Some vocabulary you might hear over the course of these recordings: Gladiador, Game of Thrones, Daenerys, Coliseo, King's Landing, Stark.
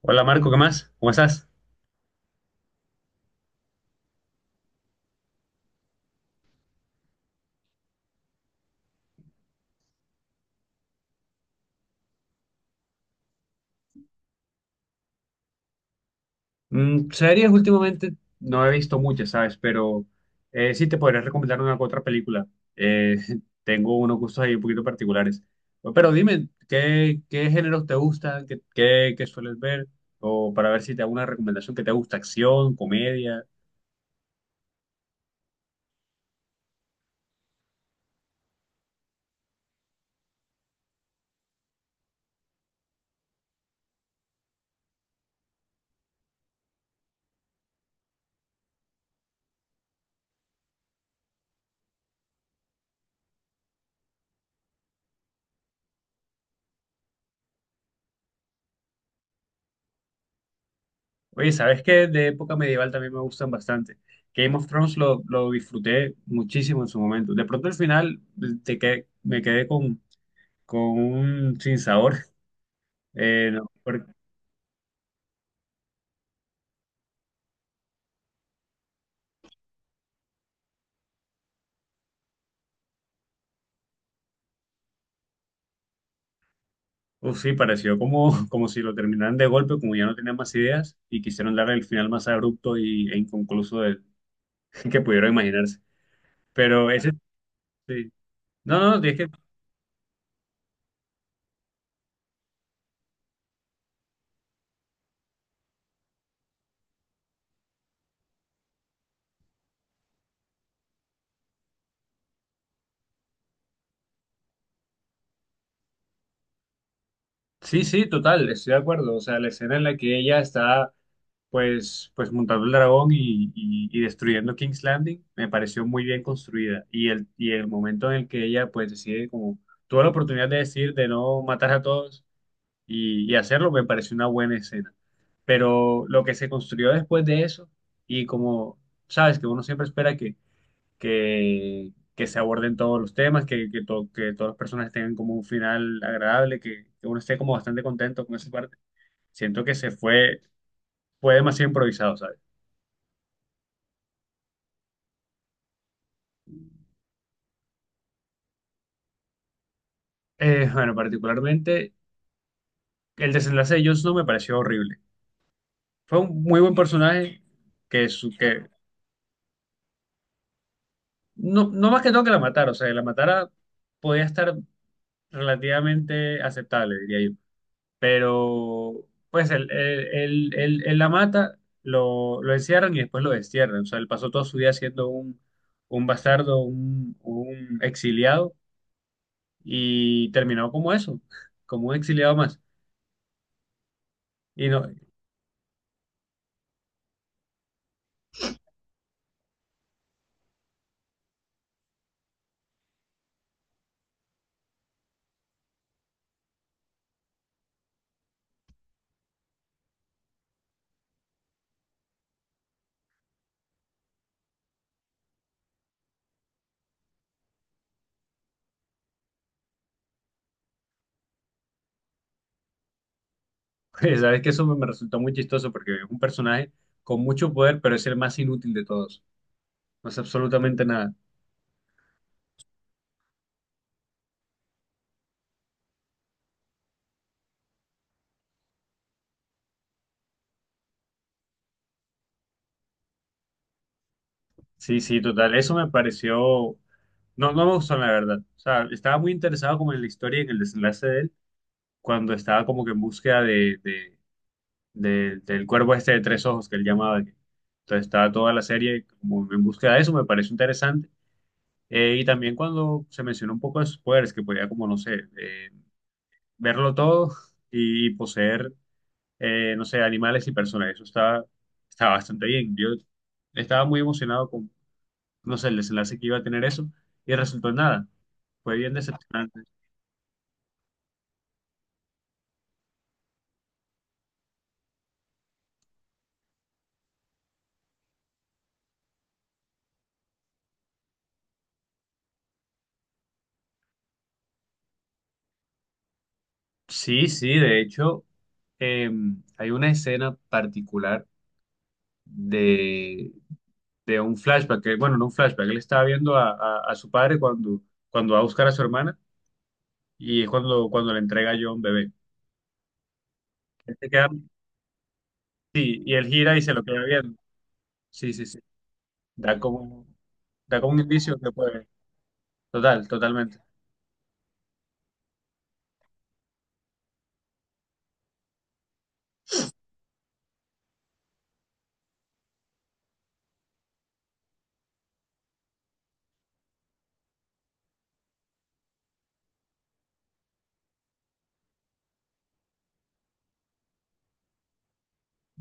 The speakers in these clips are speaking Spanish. Hola Marco, ¿qué más? ¿Cómo estás? Mm, series últimamente no he visto muchas, ¿sabes? Pero sí te podría recomendar una u otra película. Eh, tengo unos gustos ahí un poquito particulares. Pero dime, ¿qué géneros te gustan? ¿Qué sueles ver? O para ver si te hago una recomendación que te gusta, acción, comedia. Oye, ¿sabes qué? De época medieval también me gustan bastante. Game of Thrones lo disfruté muchísimo en su momento. De pronto al final me quedé con un sinsabor. No, porque- Uf, sí, pareció como, como si lo terminaran de golpe, como ya no tenían más ideas y quisieron darle el final más abrupto y, e inconcluso que pudieron imaginarse. Pero ese, sí. No, no, es que sí, sí, total, estoy de acuerdo. O sea, la escena en la que ella está, pues montando el dragón y, y destruyendo King's Landing me pareció muy bien construida. Y el momento en el que ella, pues, decide como, tuvo la oportunidad de decir de no matar a todos y hacerlo me pareció una buena escena. Pero lo que se construyó después de eso, y como sabes que uno siempre espera que se aborden todos los temas, que todas las personas tengan como un final agradable, que uno esté como bastante contento con esa parte, siento que se fue, fue demasiado improvisado, ¿sabes? Bueno, particularmente el desenlace de Jones no me pareció horrible. Fue un muy buen personaje que no, no más que todo que la matara, o sea, que la matara podía estar relativamente aceptable, diría yo. Pero, pues, en la mata lo encierran y después lo destierran. O sea, él pasó todo su día siendo un bastardo, un exiliado y terminó como eso, como un exiliado más. Y no, sabes que eso me resultó muy chistoso porque es un personaje con mucho poder, pero es el más inútil de todos. No hace absolutamente nada. Sí, sí, total. Eso me pareció. No, no me gustó, la verdad. O sea, estaba muy interesado como en la historia y en el desenlace de él, cuando estaba como que en búsqueda de, del cuervo este de tres ojos que él llamaba. Entonces estaba toda la serie como en búsqueda de eso, me pareció interesante. Y también cuando se mencionó un poco de sus poderes, que podía como, no sé, verlo todo y poseer, no sé, animales y personas. Estaba bastante bien. Yo estaba muy emocionado, no sé, el desenlace que iba a tener eso, y resultó en nada. Fue bien decepcionante. Sí, sí, de hecho, eh, hay una escena particular de, de un flashback, que, bueno, no un flashback, él estaba viendo a, a su padre cuando, cuando va a buscar a su hermana y es cuando, cuando le entrega a John bebé. Él se queda- sí, y él gira y se lo queda viendo. Sí, sí, sí. Da como, da como un indicio que puede. Total, totalmente.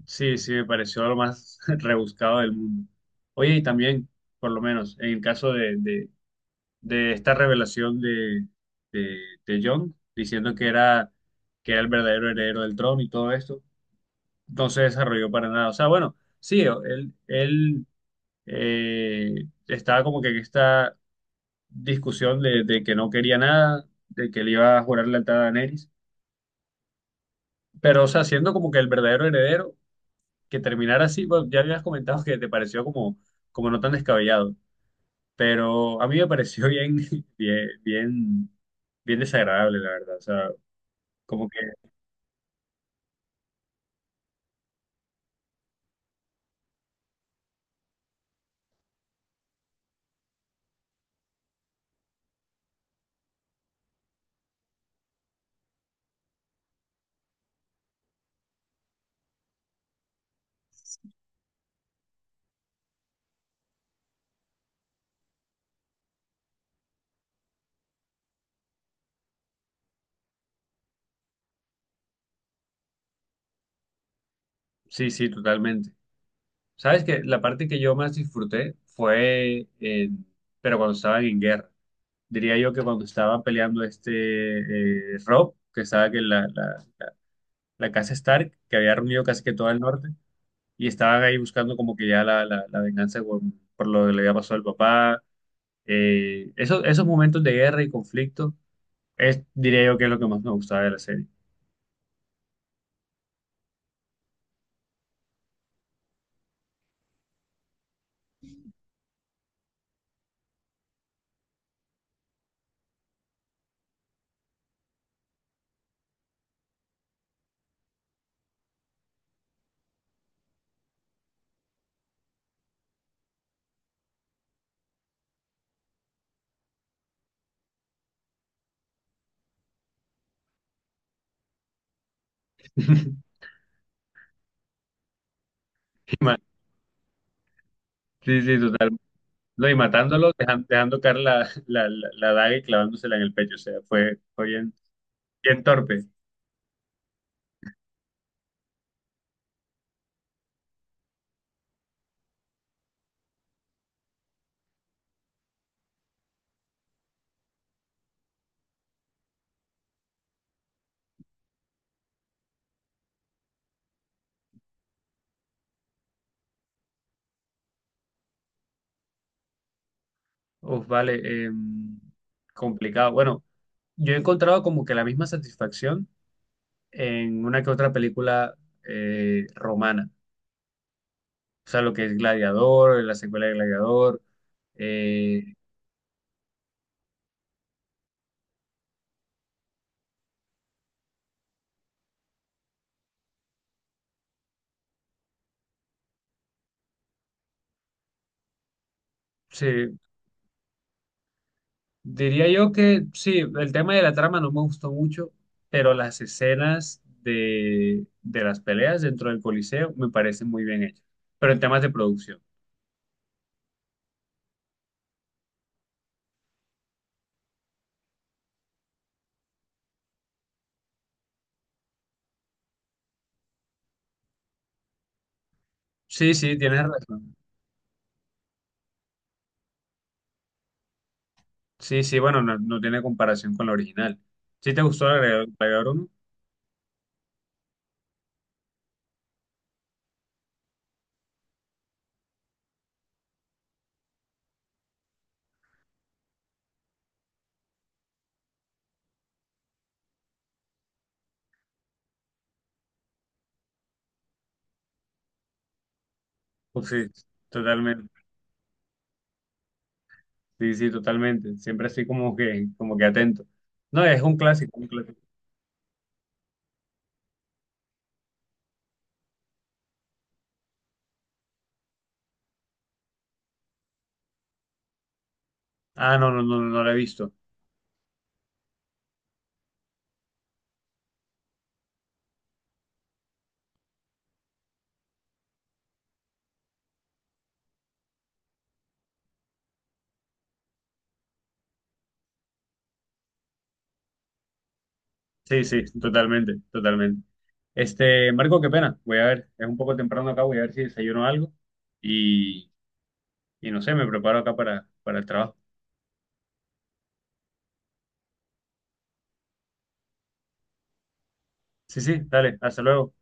Sí, sí, me pareció lo más rebuscado del mundo. Oye, y también, por lo menos, en el caso de esta revelación de, de Jon, diciendo que era el verdadero heredero del trono y todo esto, no se desarrolló para nada. O sea, bueno, sí, él eh, estaba como que en esta discusión de que no quería nada, de que le iba a jurar lealtad a Daenerys, pero, o sea, siendo como que el verdadero heredero que terminara así, bueno, ya habías comentado que te pareció como, como no tan descabellado, pero a mí me pareció bien, bien, bien, bien desagradable, la verdad. O sea, como que sí, sí, totalmente. Sabes que la parte que yo más disfruté fue, pero cuando estaban en guerra. Diría yo que cuando estaban peleando este Rob, que estaba que la casa Stark, que había reunido casi que todo el norte, y estaban ahí buscando como que ya la venganza por lo que le había pasado al papá. Esos, esos momentos de guerra y conflicto, es, diría yo que es lo que más me gustaba de la serie. Y ma- Sí, sí, total. No, y matándolo, dejando caer la, la daga y clavándosela en el pecho. O sea, fue, fue bien, bien torpe. Uf, vale, complicado. Bueno, yo he encontrado como que la misma satisfacción en una que otra película romana. O sea, lo que es Gladiador, la secuela de Gladiador. Eh, sí, Diría yo que sí, el tema de la trama no me gustó mucho, pero las escenas de las peleas dentro del Coliseo me parecen muy bien hechas. Pero en temas de producción. Sí, sí, tienes razón. Sí, sí, bueno, no, no tiene comparación con la original. ¿Sí te gustó la agregador 1? Pues sí, totalmente. Sí, sí, totalmente. Siempre así como que atento. No, es un clásico, un clásico. Ah, no, no, no, no lo he visto. Sí, sí, totalmente, totalmente. Este, Marco, qué pena. Voy a ver, es un poco temprano acá, voy a ver si desayuno algo y, y no sé, me preparo acá para el trabajo. Sí, sí, dale, hasta luego.